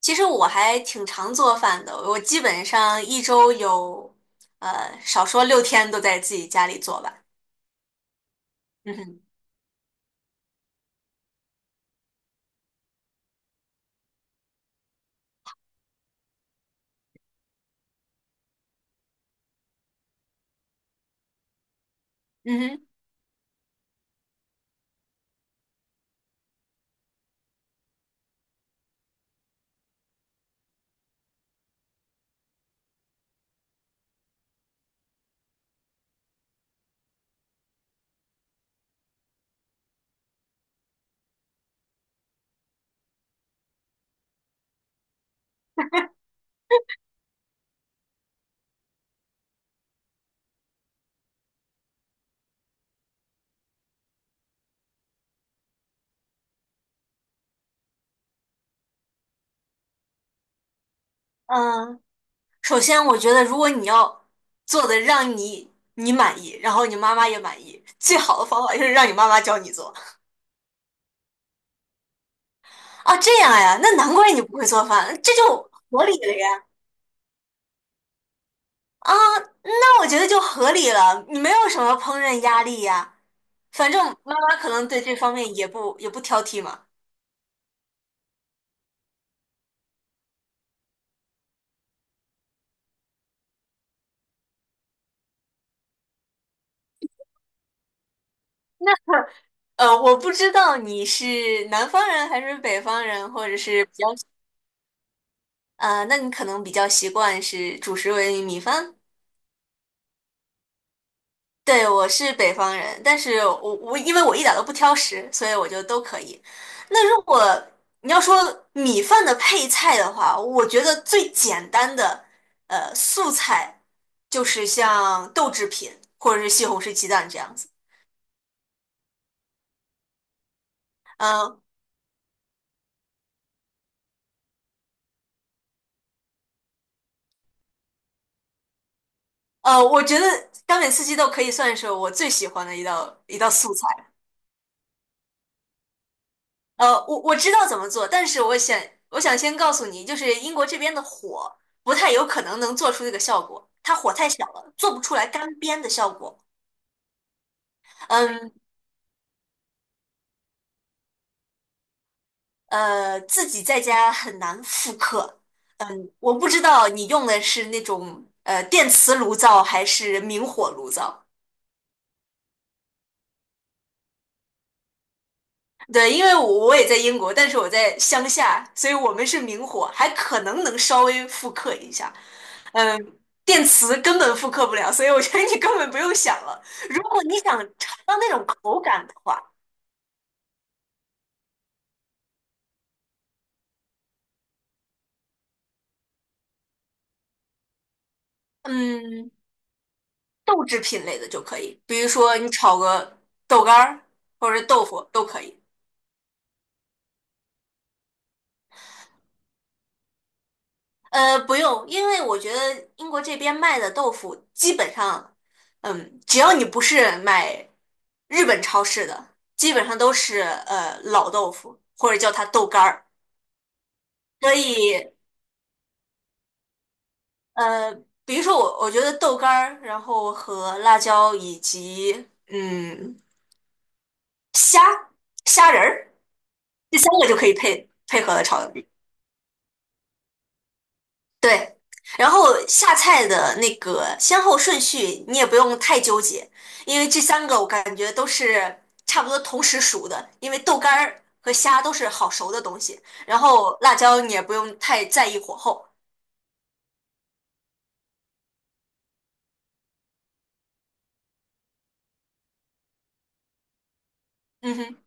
其实我还挺常做饭的，我基本上一周有，少说六天都在自己家里做吧。嗯哼，嗯哼。嗯。首先我觉得，如果你要做的让你满意，然后你妈妈也满意，最好的方法就是让你妈妈教你做。啊，这样呀，那难怪你不会做饭，这就合理了呀。啊，那我觉得就合理了，你没有什么烹饪压力呀。反正妈妈可能对这方面也不挑剔嘛。我不知道你是南方人还是北方人，或者是比较，那你可能比较习惯是主食为米饭。对，我是北方人，但是我因为我一点都不挑食，所以我就都可以。那如果你要说米饭的配菜的话，我觉得最简单的素菜就是像豆制品或者是西红柿鸡蛋这样子。嗯。我觉得干煸四季豆可以算是我最喜欢的一道素菜。我知道怎么做，但是我想先告诉你，就是英国这边的火不太有可能能做出这个效果，它火太小了，做不出来干煸的效果。嗯。自己在家很难复刻。我不知道你用的是那种电磁炉灶还是明火炉灶。对，因为我也在英国，但是我在乡下，所以我们是明火，还可能能稍微复刻一下。嗯，电磁根本复刻不了，所以我觉得你根本不用想了。如果你想尝到那种口感的话，嗯，豆制品类的就可以，比如说你炒个豆干儿或者豆腐都可以。呃，不用，因为我觉得英国这边卖的豆腐基本上，嗯，只要你不是买日本超市的，基本上都是老豆腐，或者叫它豆干儿。所以，呃，比如说我，我觉得豆干儿，然后和辣椒以及虾仁儿，这三个就可以配合的炒。对，然后下菜的那个先后顺序你也不用太纠结，因为这三个我感觉都是差不多同时熟的，因为豆干儿和虾都是好熟的东西，然后辣椒你也不用太在意火候。嗯哼。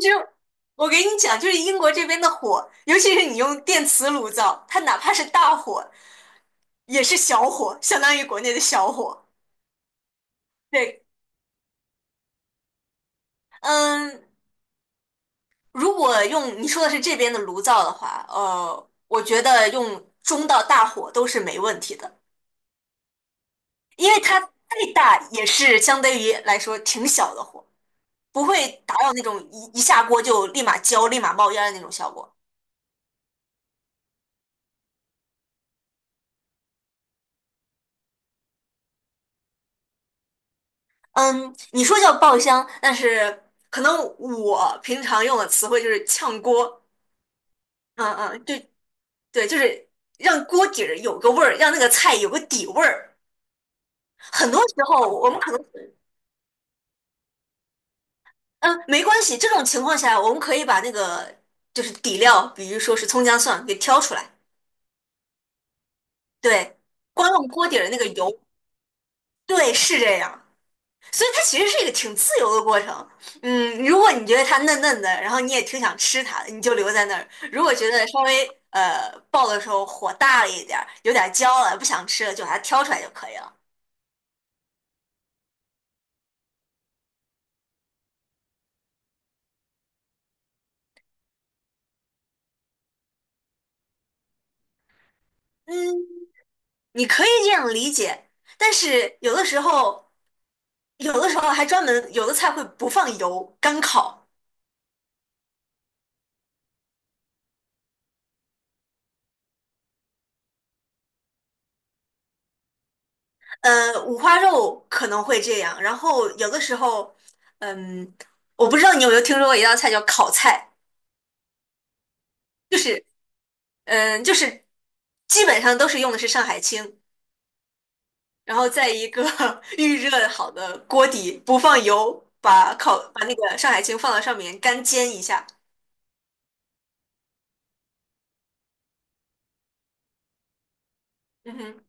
其实我给你讲，就是英国这边的火，尤其是你用电磁炉灶，它哪怕是大火也是小火，相当于国内的小火。对。嗯，如果用你说的是这边的炉灶的话，我觉得用中到大火都是没问题的，因为它再大也是相对于来说挺小的火，不会达到那种一下锅就立马焦、立马冒烟的那种效果。嗯，你说叫爆香，但是可能我平常用的词汇就是炝锅。嗯嗯，对对，就是让锅底儿有个味儿，让那个菜有个底味儿。很多时候我们可能。嗯，没关系，这种情况下我们可以把那个就是底料，比如说是葱姜蒜给挑出来。对，光用锅底儿的那个油，对，是这样。所以它其实是一个挺自由的过程。嗯，如果你觉得它嫩嫩的，然后你也挺想吃它的，你就留在那儿；如果觉得稍微爆的时候火大了一点儿，有点焦了，不想吃了，就把它挑出来就可以了。嗯，你可以这样理解，但是有的时候，有的时候还专门有的菜会不放油，干烤。呃，五花肉可能会这样，然后有的时候，嗯，我不知道你有没有听说过一道菜叫烤菜，就是，嗯，就是基本上都是用的是上海青，然后在一个 预热好的锅底，不放油，把那个上海青放到上面干煎一下。嗯哼。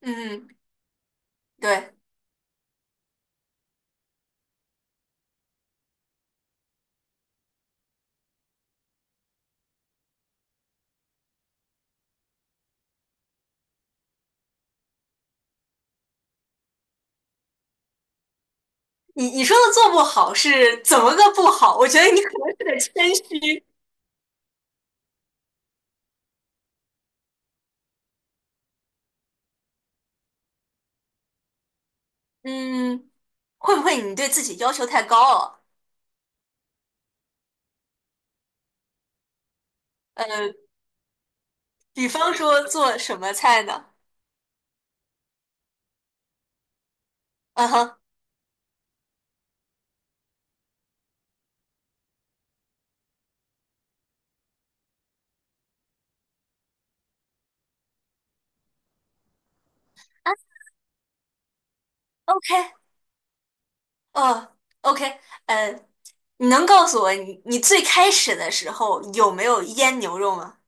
嗯哼。对，你你说的做不好是怎么个不好？我觉得你可能是个谦虚。嗯，会不会你对自己要求太高了？呃，比方说做什么菜呢？嗯哼。啊，OK。哦，OK。呃，你能告诉我你最开始的时候有没有腌牛肉吗？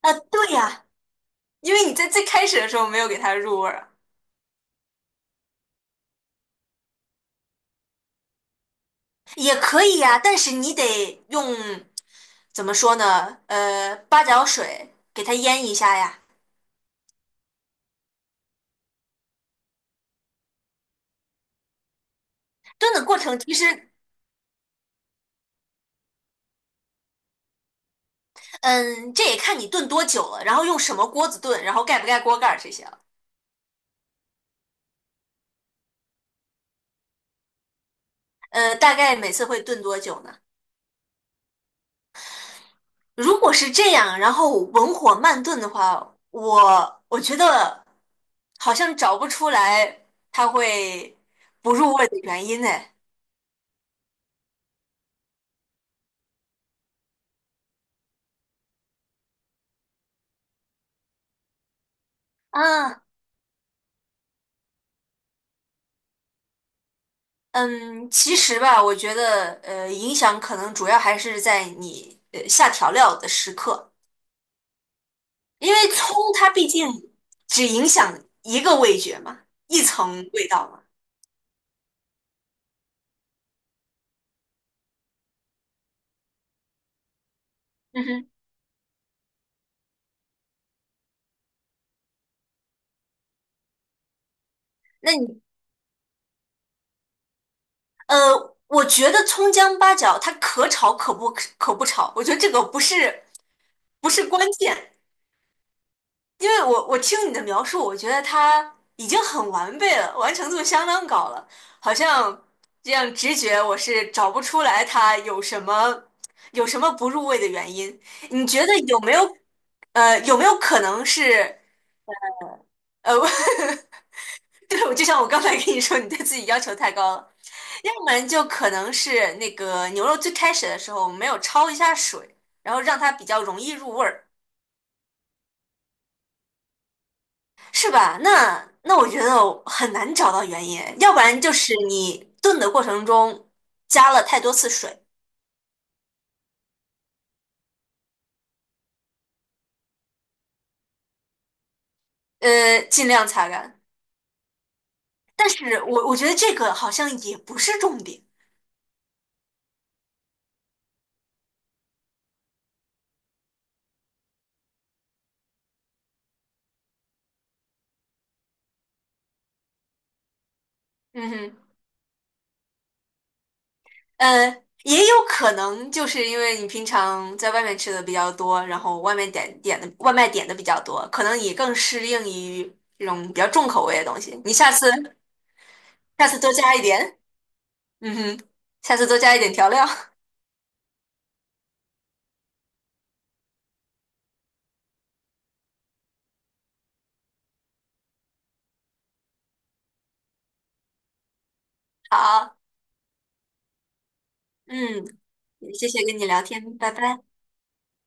啊，对呀，因为你在最开始的时候没有给它入味儿啊。也可以呀，但是你得用怎么说呢？呃，八角水给它腌一下呀。炖的过程其实，嗯，这也看你炖多久了，然后用什么锅子炖，然后盖不盖锅盖儿这些了。呃，大概每次会炖多久呢？如果是这样，然后文火慢炖的话，我觉得好像找不出来它会不入味的原因呢。啊。嗯，其实吧，我觉得影响可能主要还是在你下调料的时刻，因为葱它毕竟只影响一个味觉嘛，一层味道嘛。嗯哼。那你我觉得葱姜八角它可炒可不炒，我觉得这个不是。不是关键，因为我听你的描述，我觉得它已经很完备了，完成度相当高了，好像这样直觉我是找不出来它有什么有什么不入味的原因。你觉得有没有有没有可能是呃，对，我就像我刚才跟你说，你对自己要求太高了，要不然就可能是那个牛肉最开始的时候我们没有焯一下水，然后让它比较容易入味儿。是吧？那那我觉得很难找到原因，要不然就是你炖的过程中加了太多次水。呃，尽量擦干。但是我觉得这个好像也不是重点。嗯哼。呃，也有可能就是因为你平常在外面吃的比较多，然后外面点的外卖点的比较多，可能你更适应于这种比较重口味的东西。你下次下次多加一点，嗯哼，下次多加一点调料。好。嗯。也谢谢跟你聊天，拜拜。